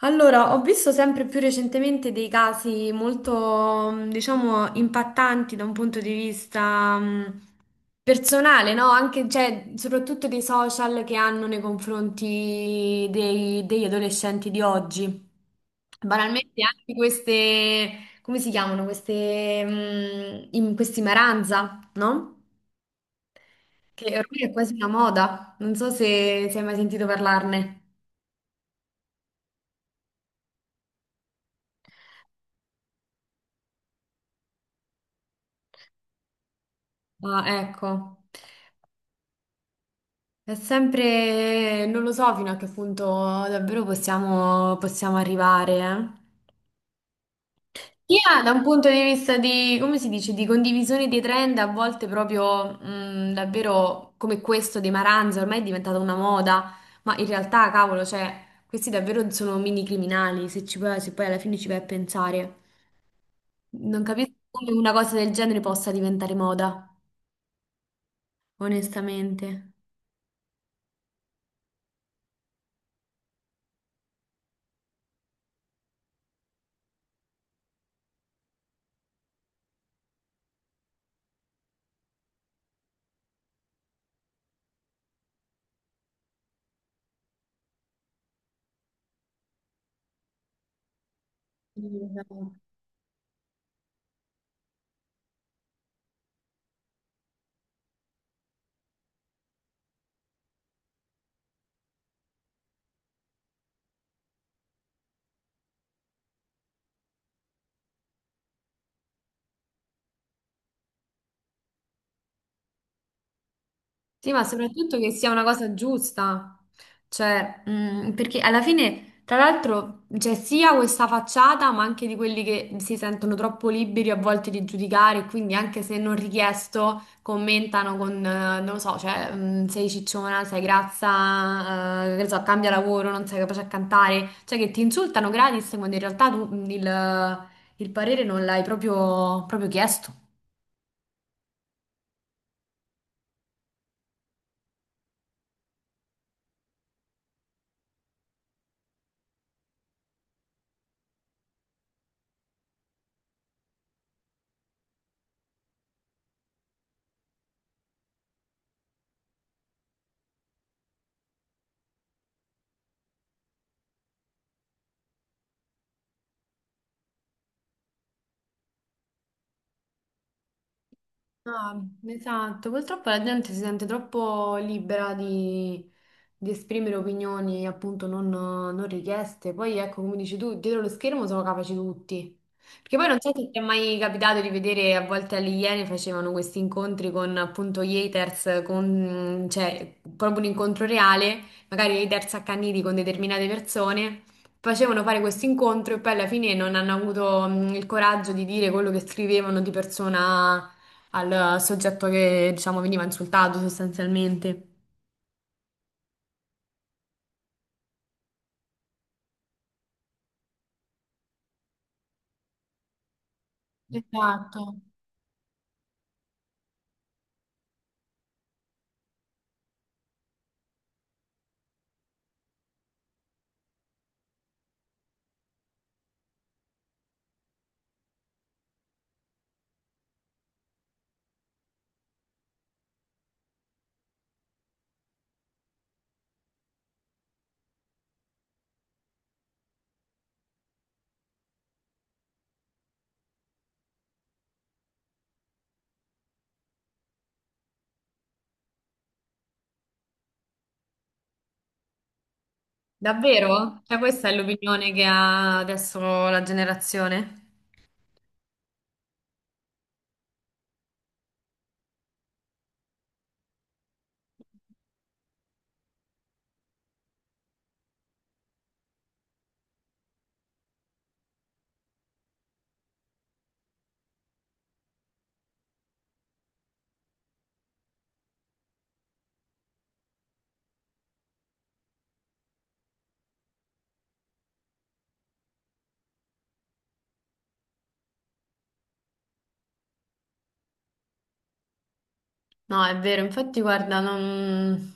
Allora, ho visto sempre più recentemente dei casi molto, diciamo, impattanti da un punto di vista, personale, no? Anche, cioè, soprattutto dei social che hanno nei confronti degli adolescenti di oggi. Banalmente anche queste, come si chiamano? Queste, questi maranza, no? Che ormai è quasi una moda. Non so se hai mai sentito parlarne. Ah, ecco. È sempre, non lo so fino a che punto davvero possiamo arrivare. Sia da un punto di vista di, come si dice, di condivisione dei trend, a volte proprio davvero come questo dei Maranza, ormai è diventata una moda, ma in realtà, cavolo, cioè, questi davvero sono mini criminali, se poi alla fine ci vai a pensare. Non capisco come una cosa del genere possa diventare moda, onestamente. Sì, ma soprattutto che sia una cosa giusta, cioè, perché alla fine, tra l'altro, c'è sia questa facciata, ma anche di quelli che si sentono troppo liberi a volte di giudicare, e quindi anche se non richiesto, commentano con, non lo so, cioè, sei cicciona, sei grazza, che ne so, cambia lavoro, non sei capace a cantare, cioè che ti insultano gratis quando in realtà tu il parere non l'hai proprio proprio chiesto. Ah, esatto, purtroppo la gente si sente troppo libera di esprimere opinioni appunto non richieste. Poi ecco, come dici tu, dietro lo schermo sono capaci tutti. Perché poi non so se ti è mai capitato di vedere, a volte alle Iene facevano questi incontri con appunto gli haters, con, cioè proprio un incontro reale, magari haters accaniti con determinate persone. Facevano fare questo incontro e poi alla fine non hanno avuto il coraggio di dire quello che scrivevano di persona al soggetto che, diciamo, veniva insultato sostanzialmente. Esatto. Davvero? Cioè, questa è l'opinione che ha adesso la generazione? No, è vero, infatti guarda.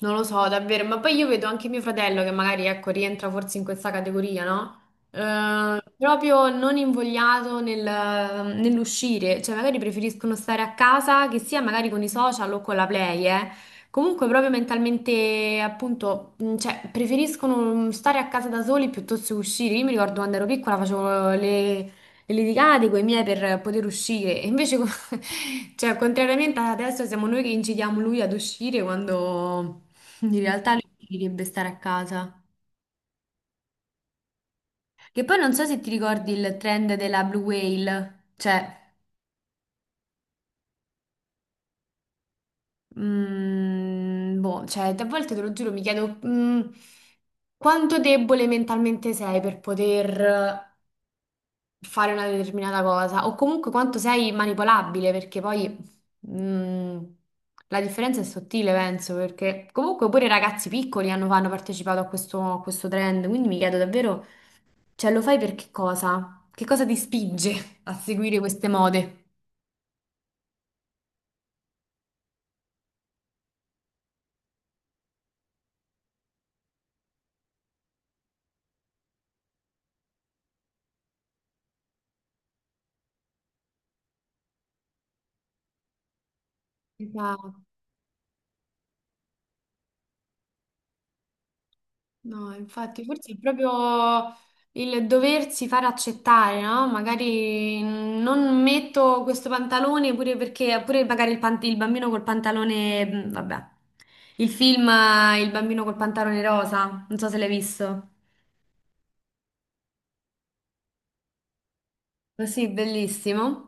Non lo so, davvero, ma poi io vedo anche mio fratello che magari, ecco, rientra forse in questa categoria, no? Proprio non invogliato nell'uscire, cioè magari preferiscono stare a casa, che sia magari con i social o con la play. Comunque proprio mentalmente, appunto, cioè preferiscono stare a casa da soli piuttosto che uscire. Io mi ricordo quando ero piccola facevo le, e litigate con i miei per poter uscire. E invece, cioè, contrariamente ad adesso, siamo noi che incidiamo lui ad uscire quando in realtà lui dovrebbe stare a casa. Che poi non so se ti ricordi il trend della Blue Whale, cioè, boh, cioè, a volte te lo giuro, mi chiedo, quanto debole mentalmente sei per poter fare una determinata cosa o comunque quanto sei manipolabile, perché poi mm, la differenza è sottile, penso, perché comunque pure i ragazzi piccoli hanno partecipato a questo trend, quindi mi chiedo davvero, cioè lo fai per che cosa? Che cosa ti spinge a seguire queste mode? Esatto. No, infatti, forse è proprio il doversi far accettare, no? Magari non metto questo pantalone pure perché, pure magari il bambino col pantalone, vabbè, il film Il bambino col pantalone rosa, non so se l'hai visto. Ma sì, bellissimo.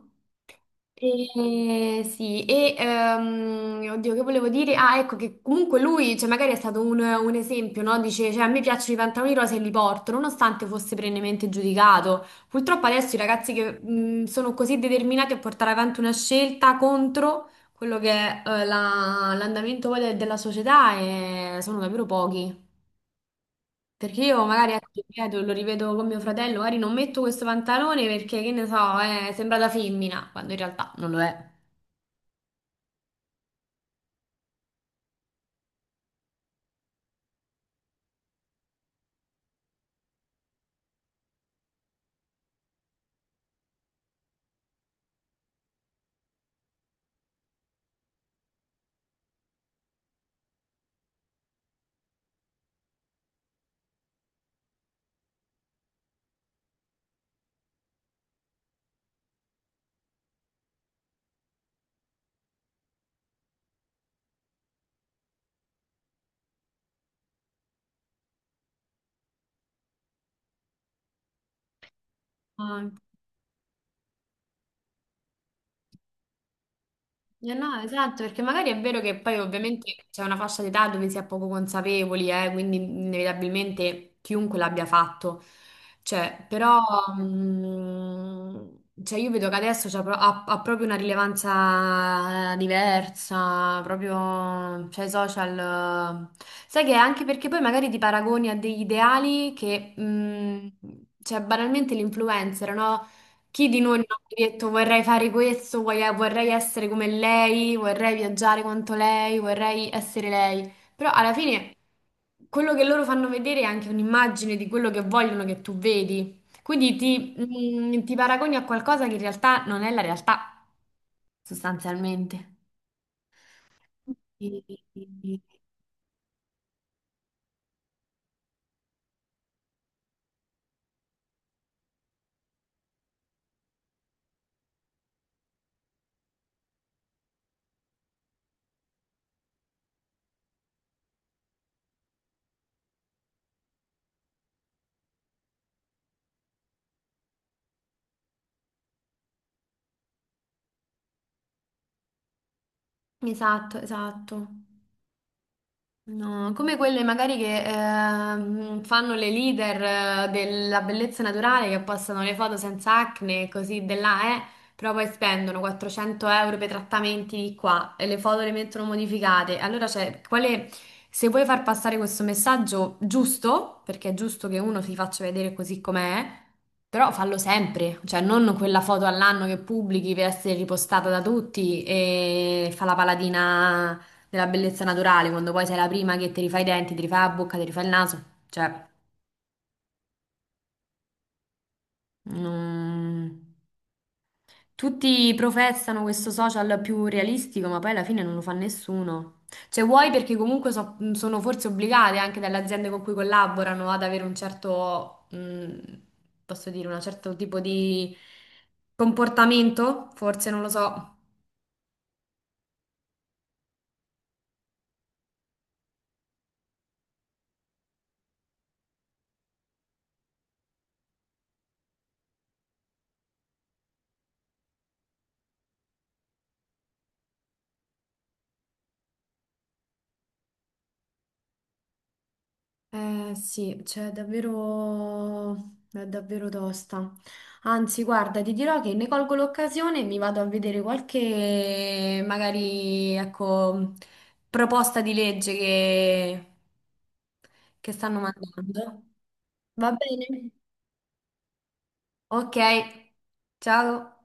E, sì, e oddio, che volevo dire? Ah, ecco che comunque lui, cioè, magari è stato un esempio, no? Dice, cioè, a me piacciono i pantaloni rosa e li porto, nonostante fosse perennemente giudicato. Purtroppo adesso i ragazzi che sono così determinati a portare avanti una scelta contro quello che è l'andamento poi della società sono davvero pochi. Perché io magari ecco, ti ripeto, lo rivedo con mio fratello, magari non metto questo pantalone perché, che ne so, sembra da femmina, quando in realtà non lo è. Eh no, esatto, perché magari è vero che poi ovviamente c'è una fascia d'età dove si è poco consapevoli, quindi inevitabilmente chiunque l'abbia fatto. Cioè, però cioè io vedo che adesso ha proprio una rilevanza diversa, proprio, cioè i social. Sai che è anche perché poi magari ti paragoni a degli ideali che, cioè banalmente l'influencer, no? Chi di noi non ha mai detto vorrei fare questo, vorrei essere come lei, vorrei viaggiare quanto lei, vorrei essere lei. Però alla fine quello che loro fanno vedere è anche un'immagine di quello che vogliono che tu vedi. Quindi ti paragoni a qualcosa che in realtà non è la realtà, sostanzialmente. Sì, sì, sì. Esatto, esatto. No, come quelle magari che fanno le leader della bellezza naturale che postano le foto senza acne e così de là, però poi spendono 400 euro per trattamenti di qua e le foto le mettono modificate. Allora, cioè, quale, se vuoi far passare questo messaggio giusto, perché è giusto che uno si faccia vedere così com'è, però fallo sempre, cioè non quella foto all'anno che pubblichi per essere ripostata da tutti e fa la paladina della bellezza naturale, quando poi sei la prima che ti rifai i denti, ti rifai la bocca, ti rifai il naso, cioè, non- tutti professano questo social più realistico, ma poi alla fine non lo fa nessuno. Cioè, vuoi perché comunque sono forse obbligate anche dalle aziende con cui collaborano ad avere un certo, posso dire, un certo tipo di comportamento, forse non lo so. Eh sì, cioè davvero, è davvero tosta. Anzi, guarda, ti dirò che ne colgo l'occasione e mi vado a vedere qualche, magari, ecco, proposta di legge che stanno mandando. Va bene? Ok, ciao.